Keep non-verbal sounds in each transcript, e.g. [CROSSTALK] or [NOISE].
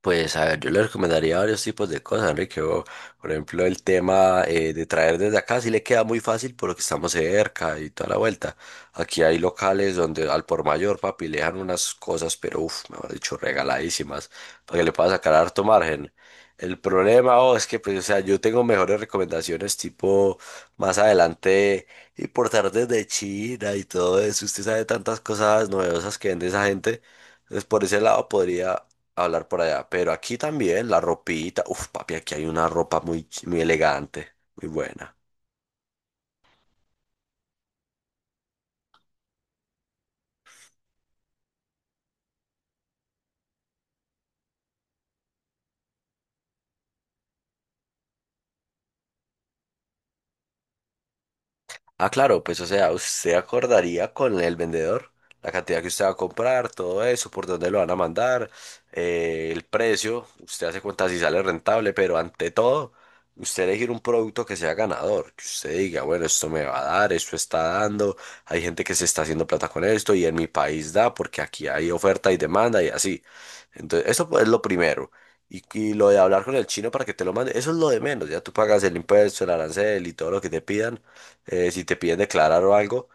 Pues a ver, yo le recomendaría varios tipos de cosas, Enrique. O, por ejemplo, el tema de traer desde acá sí le queda muy fácil porque estamos cerca y toda la vuelta. Aquí hay locales donde al por mayor, papi, le dejan unas cosas, pero uff, mejor dicho, regaladísimas, para que le pueda sacar harto margen. El problema, oh, es que, pues, o sea, yo tengo mejores recomendaciones, tipo, más adelante, importar desde China y todo eso. Usted sabe tantas cosas novedosas que vende esa gente. Entonces, por ese lado podría hablar por allá. Pero aquí también la ropita. Uf, papi, aquí hay una ropa muy, muy elegante, muy buena. Ah, claro, pues o sea, usted acordaría con el vendedor la cantidad que usted va a comprar, todo eso, por dónde lo van a mandar, el precio, usted hace cuenta si sale rentable, pero ante todo, usted elegir un producto que sea ganador, que usted diga, bueno, esto me va a dar, esto está dando, hay gente que se está haciendo plata con esto y en mi país da porque aquí hay oferta y demanda y así. Entonces, eso pues, es lo primero. Y lo de hablar con el chino para que te lo mande, eso es lo de menos, ya tú pagas el impuesto, el arancel y todo lo que te pidan, si te piden declarar o algo,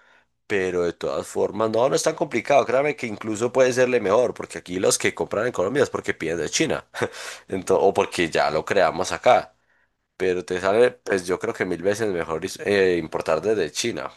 pero de todas formas, no, no es tan complicado, créame que incluso puede serle mejor, porque aquí los que compran en Colombia es porque piden de China, [LAUGHS] o porque ya lo creamos acá, pero te sale, pues yo creo que mil veces mejor importar desde China.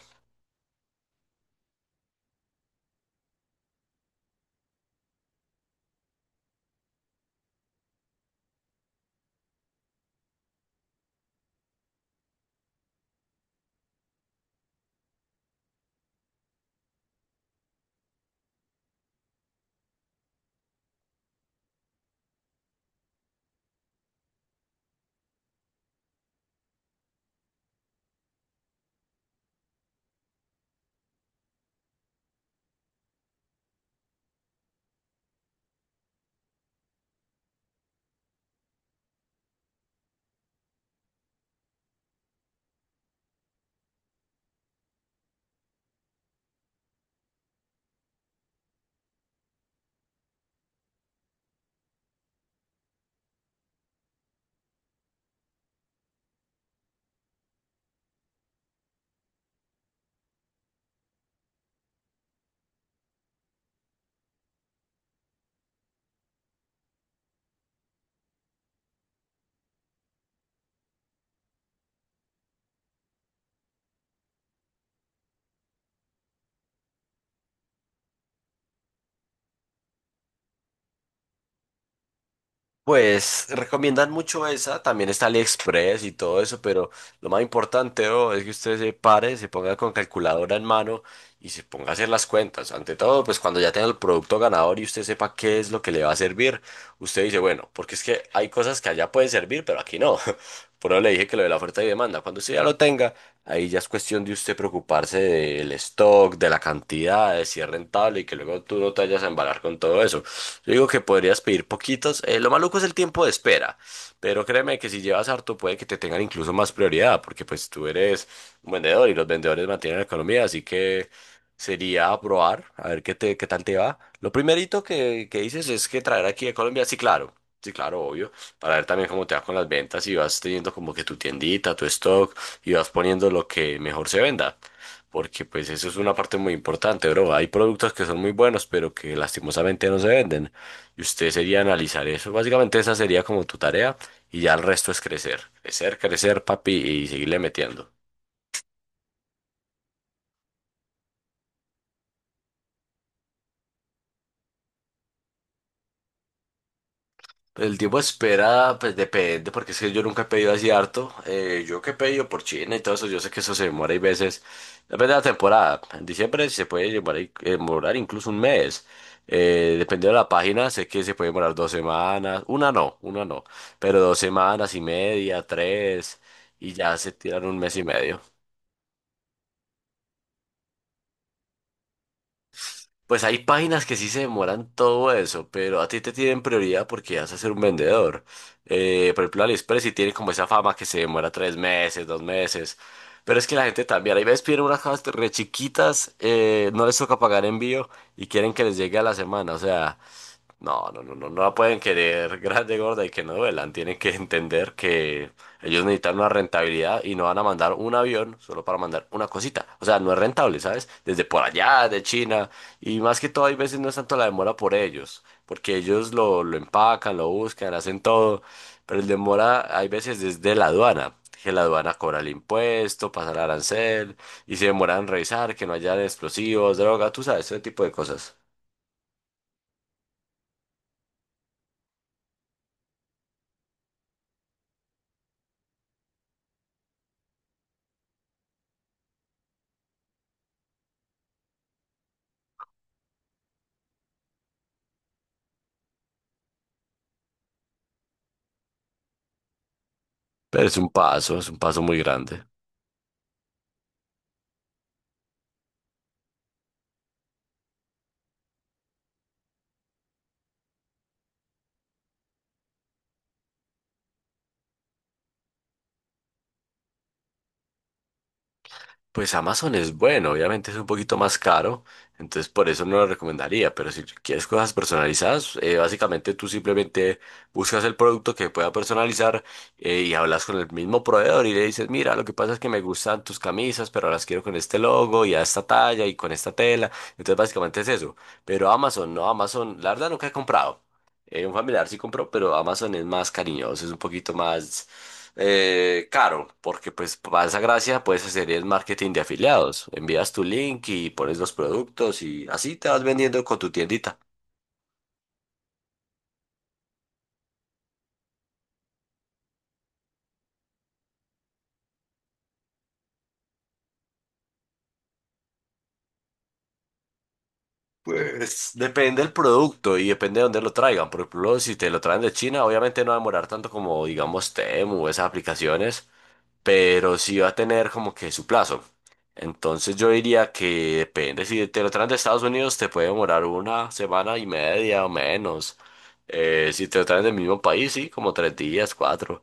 Pues recomiendan mucho esa, también está AliExpress y todo eso, pero lo más importante, bro, es que usted se pare, se ponga con calculadora en mano y se ponga a hacer las cuentas. Ante todo, pues cuando ya tenga el producto ganador y usted sepa qué es lo que le va a servir, usted dice, bueno, porque es que hay cosas que allá pueden servir, pero aquí no. [LAUGHS] Por eso le dije que lo de la oferta y demanda, cuando usted ya lo tenga, ahí ya es cuestión de usted preocuparse del stock, de la cantidad, de si es rentable y que luego tú no te vayas a embalar con todo eso. Yo digo que podrías pedir poquitos. Lo maluco es el tiempo de espera, pero créeme que si llevas harto puede que te tengan incluso más prioridad, porque pues tú eres un vendedor y los vendedores mantienen la economía, así que sería probar, a ver qué te, qué tal te va. Lo primerito que dices es que traer aquí a Colombia, sí, claro. Sí, claro, obvio, para ver también cómo te va con las ventas y vas teniendo como que tu tiendita, tu stock y vas poniendo lo que mejor se venda, porque pues eso es una parte muy importante, bro. Hay productos que son muy buenos, pero que lastimosamente no se venden. Y usted sería analizar eso. Básicamente esa sería como tu tarea y ya el resto es crecer. Crecer, crecer, papi, y seguirle metiendo. Pues el tiempo de espera, pues depende, porque es que yo nunca he pedido así harto. Yo que he pedido por China y todo eso, yo sé que eso se demora y veces. Depende de la temporada. En diciembre se puede demorar, demorar incluso un mes. Dependiendo de la página, sé que se puede demorar dos semanas. Una no, una no. Pero dos semanas y media, tres. Y ya se tiran un mes y medio. Pues hay páginas que sí se demoran todo eso, pero a ti te tienen prioridad porque vas a ser un vendedor. Por ejemplo, AliExpress sí tiene como esa fama que se demora tres meses, dos meses. Pero es que la gente también, hay veces piden unas cajas re chiquitas, no les toca pagar envío y quieren que les llegue a la semana. O sea, no, no, no, no, no la pueden querer [LAUGHS] grande, gorda y que no duelan. Tienen que entender que ellos necesitan una rentabilidad y no van a mandar un avión solo para mandar una cosita. O sea, no es rentable, ¿sabes? Desde por allá, de China. Y más que todo, hay veces no es tanto la demora por ellos, porque ellos lo empacan, lo buscan, hacen todo. Pero el demora, hay veces desde la aduana. Que la aduana cobra el impuesto, pasa el arancel y se demoran en revisar que no haya explosivos, droga, tú sabes, ese tipo de cosas. Pero es un paso muy grande. Pues Amazon es bueno, obviamente es un poquito más caro, entonces por eso no lo recomendaría, pero si quieres cosas personalizadas, básicamente tú simplemente buscas el producto que pueda personalizar, y hablas con el mismo proveedor y le dices, mira, lo que pasa es que me gustan tus camisas, pero las quiero con este logo y a esta talla y con esta tela, entonces básicamente es eso. Pero Amazon, no, Amazon, la verdad nunca he comprado. Un familiar sí compró, pero Amazon es más cariñoso, es un poquito más, caro, porque pues para esa gracia puedes hacer el marketing de afiliados. Envías tu link y pones los productos y así te vas vendiendo con tu tiendita. Pues depende del producto y depende de dónde lo traigan. Por ejemplo, si te lo traen de China, obviamente no va a demorar tanto como, digamos, Temu o esas aplicaciones, pero sí va a tener como que su plazo. Entonces yo diría que depende, si te lo traen de Estados Unidos te puede demorar una semana y media o menos. Si te lo traen del mismo país, sí, como tres días, cuatro.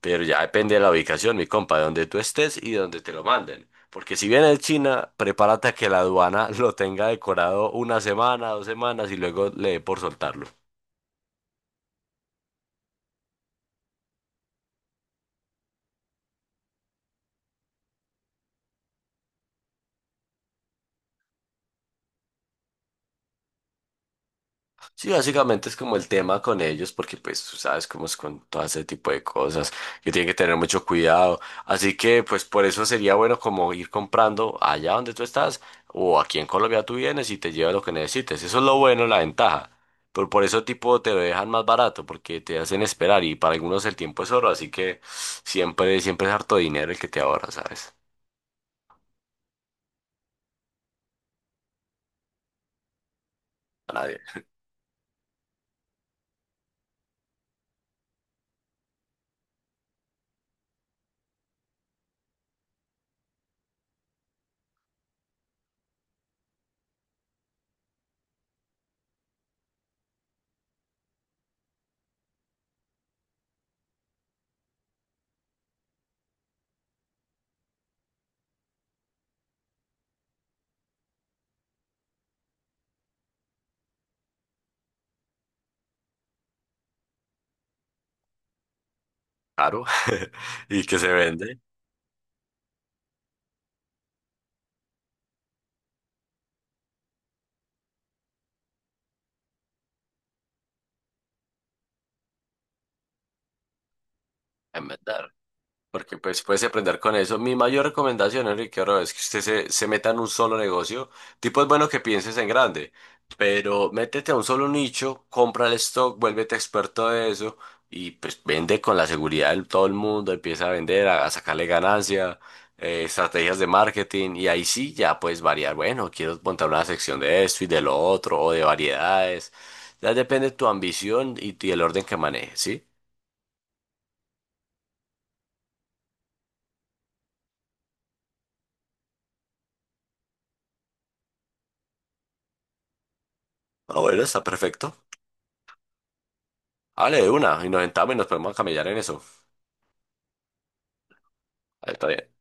Pero ya depende de la ubicación, mi compa, de donde tú estés y de donde te lo manden. Porque si viene de China, prepárate a que la aduana [LAUGHS] lo tenga decorado una semana, dos semanas y luego le dé por soltarlo. Sí, básicamente es como el tema con ellos, porque pues tú sabes cómo es con todo ese tipo de cosas, que tienen que tener mucho cuidado. Así que pues por eso sería bueno como ir comprando allá donde tú estás o aquí en Colombia tú vienes y te llevas lo que necesites. Eso es lo bueno, la ventaja. Pero por eso tipo te lo dejan más barato, porque te hacen esperar y para algunos el tiempo es oro, así que siempre, siempre es harto dinero el que te ahorra, ¿sabes? A nadie. Claro. [LAUGHS] Y que se vende. En verdad. Porque pues puedes aprender con eso. Mi mayor recomendación, Enrique, ahora es que usted se meta en un solo negocio. Tipo es bueno que pienses en grande, pero métete a un solo nicho, compra el stock, vuélvete experto de eso y pues vende con la seguridad de todo el mundo, empieza a vender, a sacarle ganancia, estrategias de marketing y ahí sí ya puedes variar. Bueno, quiero montar una sección de esto y de lo otro o de variedades. Ya depende de tu ambición y el orden que manejes, ¿sí? Ah, bueno, está perfecto. Hable de una y nos sentamos y nos podemos camellar en eso. Ahí está bien.